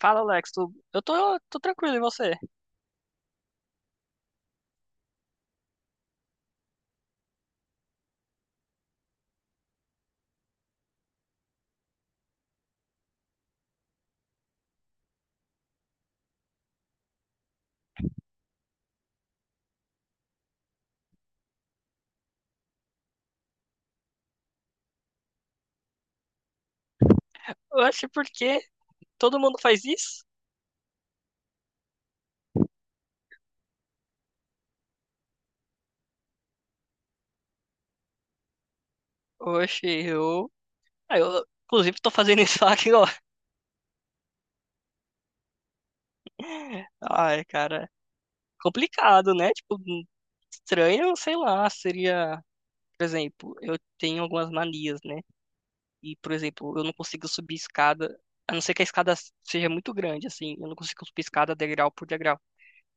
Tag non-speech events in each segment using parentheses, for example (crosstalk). Fala, Alex. Tu... Eu tô tranquilo, e você? Oxe, por quê? Todo mundo faz isso? Oxe, eu... Ah, eu... Inclusive, tô fazendo isso (laughs) aqui, ó. Ai, cara. Complicado, né? Tipo, estranho, sei lá, seria... Por exemplo, eu tenho algumas manias, né? E, por exemplo, eu não consigo subir escada... A não ser que a escada seja muito grande, assim. Eu não consigo subir escada degrau por degrau.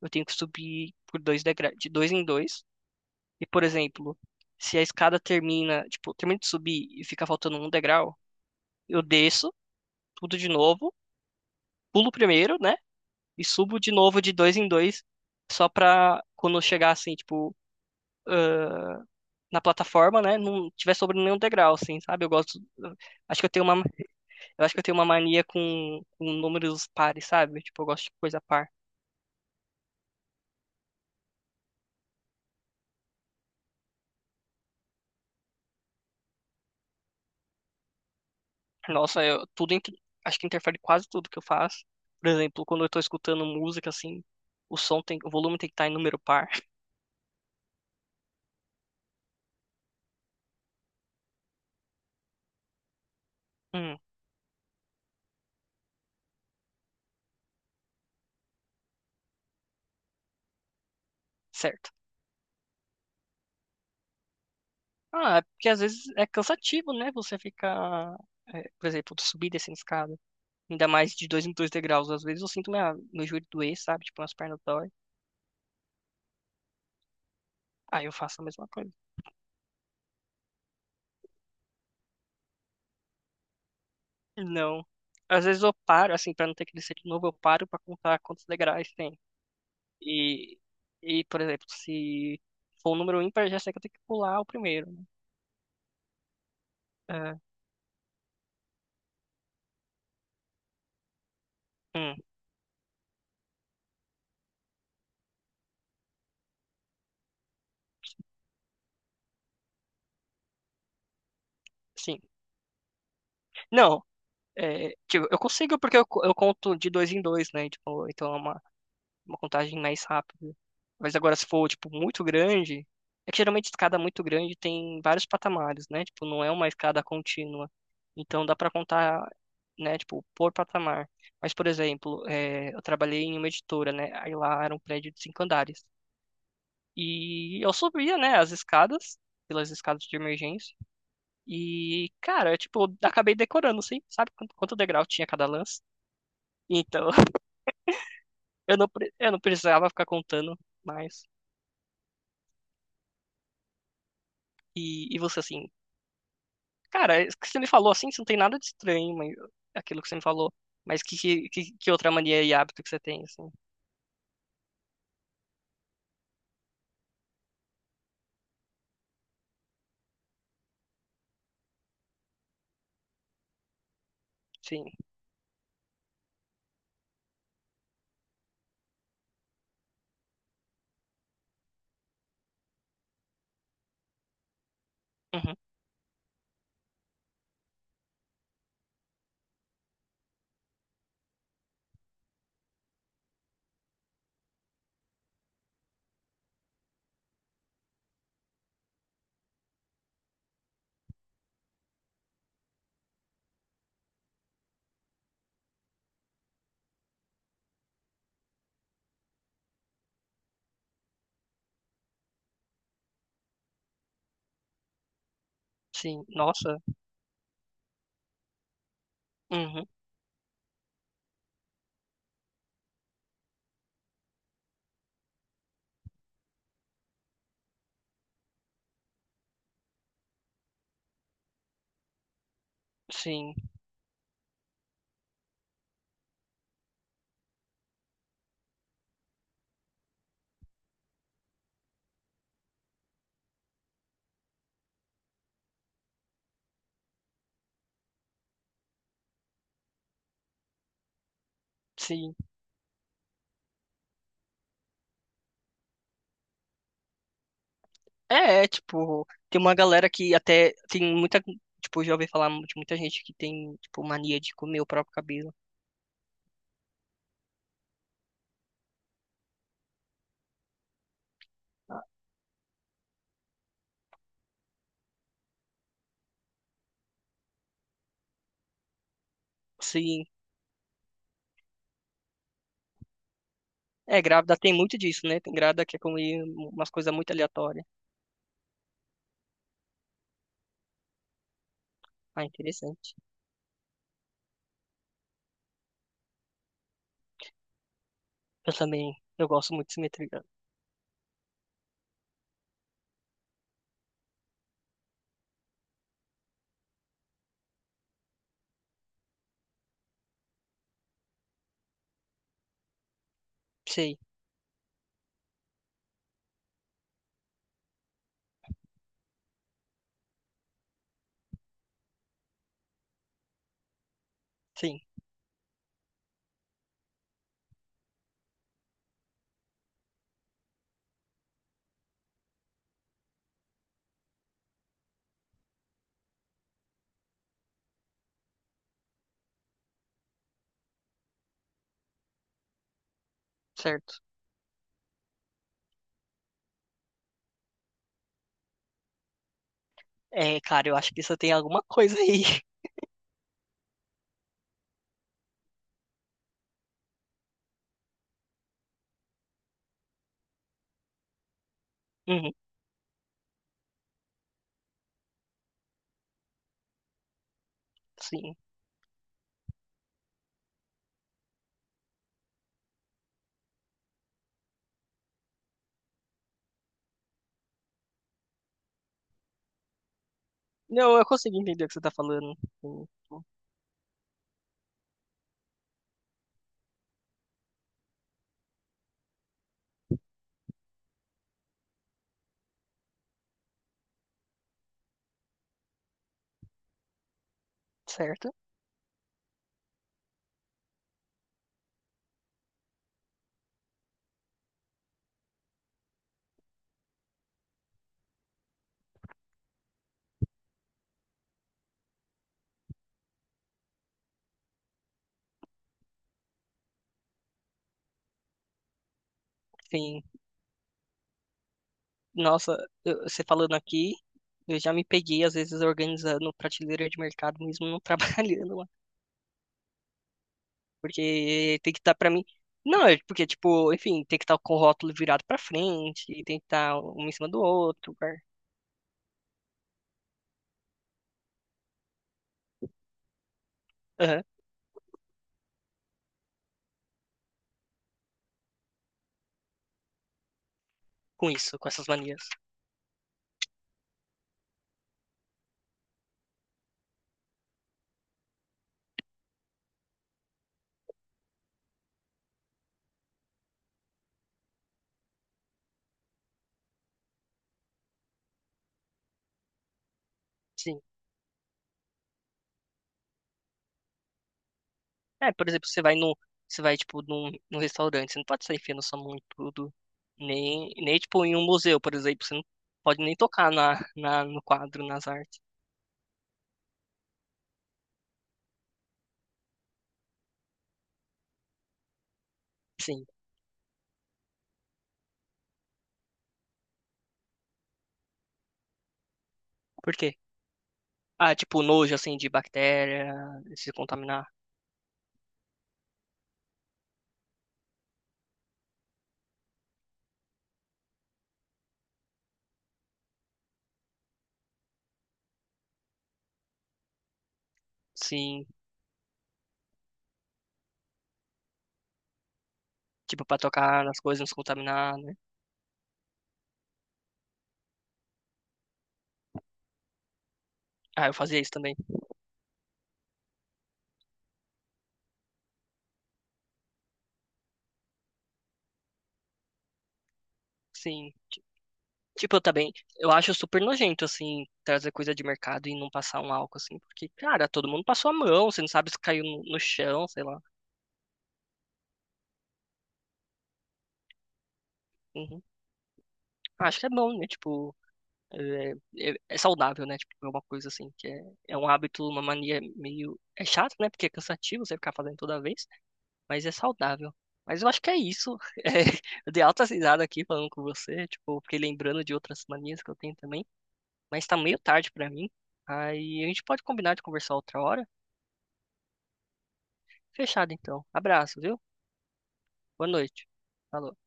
Eu tenho que subir por dois degra... de dois em dois. E, por exemplo, se a escada termina, tipo, termina de subir e fica faltando um degrau, eu desço tudo de novo, pulo primeiro, né? E subo de novo de dois em dois, só pra quando eu chegar, assim, tipo, na plataforma, né? Não tiver sobrando nenhum degrau, assim, sabe? Eu gosto. Acho que eu tenho uma, eu acho que eu tenho uma mania com números pares, sabe? Tipo, eu gosto de coisa par. Nossa, eu, tudo, acho que interfere quase tudo que eu faço. Por exemplo, quando eu tô escutando música, assim, o volume tem que estar em número par. (laughs) Certo. Ah, é porque às vezes é cansativo, né? É, por exemplo, subir e descendo escada. Ainda mais de dois em dois degraus. Às vezes eu sinto meu joelho doer, sabe? Tipo, minhas pernas dói. Aí eu faço a mesma coisa. Não. Às vezes eu paro, assim, pra não ter que descer de novo, eu paro pra contar quantos degraus tem. E, e por exemplo, se for um número ímpar, eu já sei que eu tenho que pular o primeiro, né? É. Hum. Sim. Não, é, tipo, eu consigo porque eu conto de dois em dois, né? Tipo, então é uma contagem mais rápida. Mas agora, se for, tipo, muito grande, é que geralmente escada muito grande tem vários patamares, né? Tipo, não é uma escada contínua. Então dá pra contar, né, tipo, por patamar. Mas, por exemplo, é, eu trabalhei em uma editora, né? Aí lá era um prédio de 5 andares. E eu subia, né, as escadas, pelas escadas de emergência. E, cara, eu, tipo, acabei decorando, assim, sabe quanto degrau tinha cada lance? Então, (laughs) eu não precisava ficar contando mais. E você assim, cara, isso que você me falou assim, isso não tem nada de estranho, mas aquilo que você me falou. Mas que outra mania e hábito que você tem, assim? Sim. Uhum. Sim. Nossa. Uhum. Sim. Sim. É, é, tipo, tem uma galera que até tem muita, tipo, já ouvi falar de muita gente que tem, tipo, mania de comer o próprio cabelo. Sim. É, grávida tem muito disso, né? Tem grávida que é comer umas coisas muito aleatórias. Ah, interessante. Eu gosto muito de simetria. Sei. Sim. Certo. É, cara, eu acho que isso tem alguma coisa aí. (laughs) Uhum, sim. Não, eu consigo entender o que você tá falando. Hum. Certo? Sim. Nossa, você falando aqui, eu já me peguei, às vezes, organizando prateleira de mercado, mesmo não (laughs) trabalhando lá. Porque tem que estar tá pra mim. Não, é porque, tipo, enfim, tem que estar com o rótulo virado pra frente, e tem que estar um em cima do outro, cara. Aham, com isso, com essas manias. Sim. É, por exemplo, você vai no, você vai, tipo, num restaurante, você não pode sair enfiando sua mão em tudo, nem, tipo, em um museu, por exemplo, você não pode nem tocar no quadro, nas artes. Sim. Por quê? Ah, tipo, nojo, assim, de bactéria, se contaminar. Sim. Tipo, pra tocar nas coisas, não se contaminar, né? Ah, eu fazia isso também. Sim. Ti- Tipo, eu também, eu acho super nojento, assim, trazer coisa de mercado e não passar um álcool, assim, porque, cara, todo mundo passou a mão, você não sabe se caiu no chão, sei lá. Uhum. Acho que é bom, né? Tipo, é, é saudável, né? Tipo, é uma coisa assim, que é, é um hábito, uma mania meio. É chato, né? Porque é cansativo você ficar fazendo toda vez, mas é saudável. Mas eu acho que é isso. (laughs) É, eu dei alta risada aqui falando com você, tipo, fiquei lembrando de outras manias que eu tenho também, mas tá meio tarde pra mim. Aí a gente pode combinar de conversar outra hora. Fechado, então. Abraço, viu? Boa noite. Falou.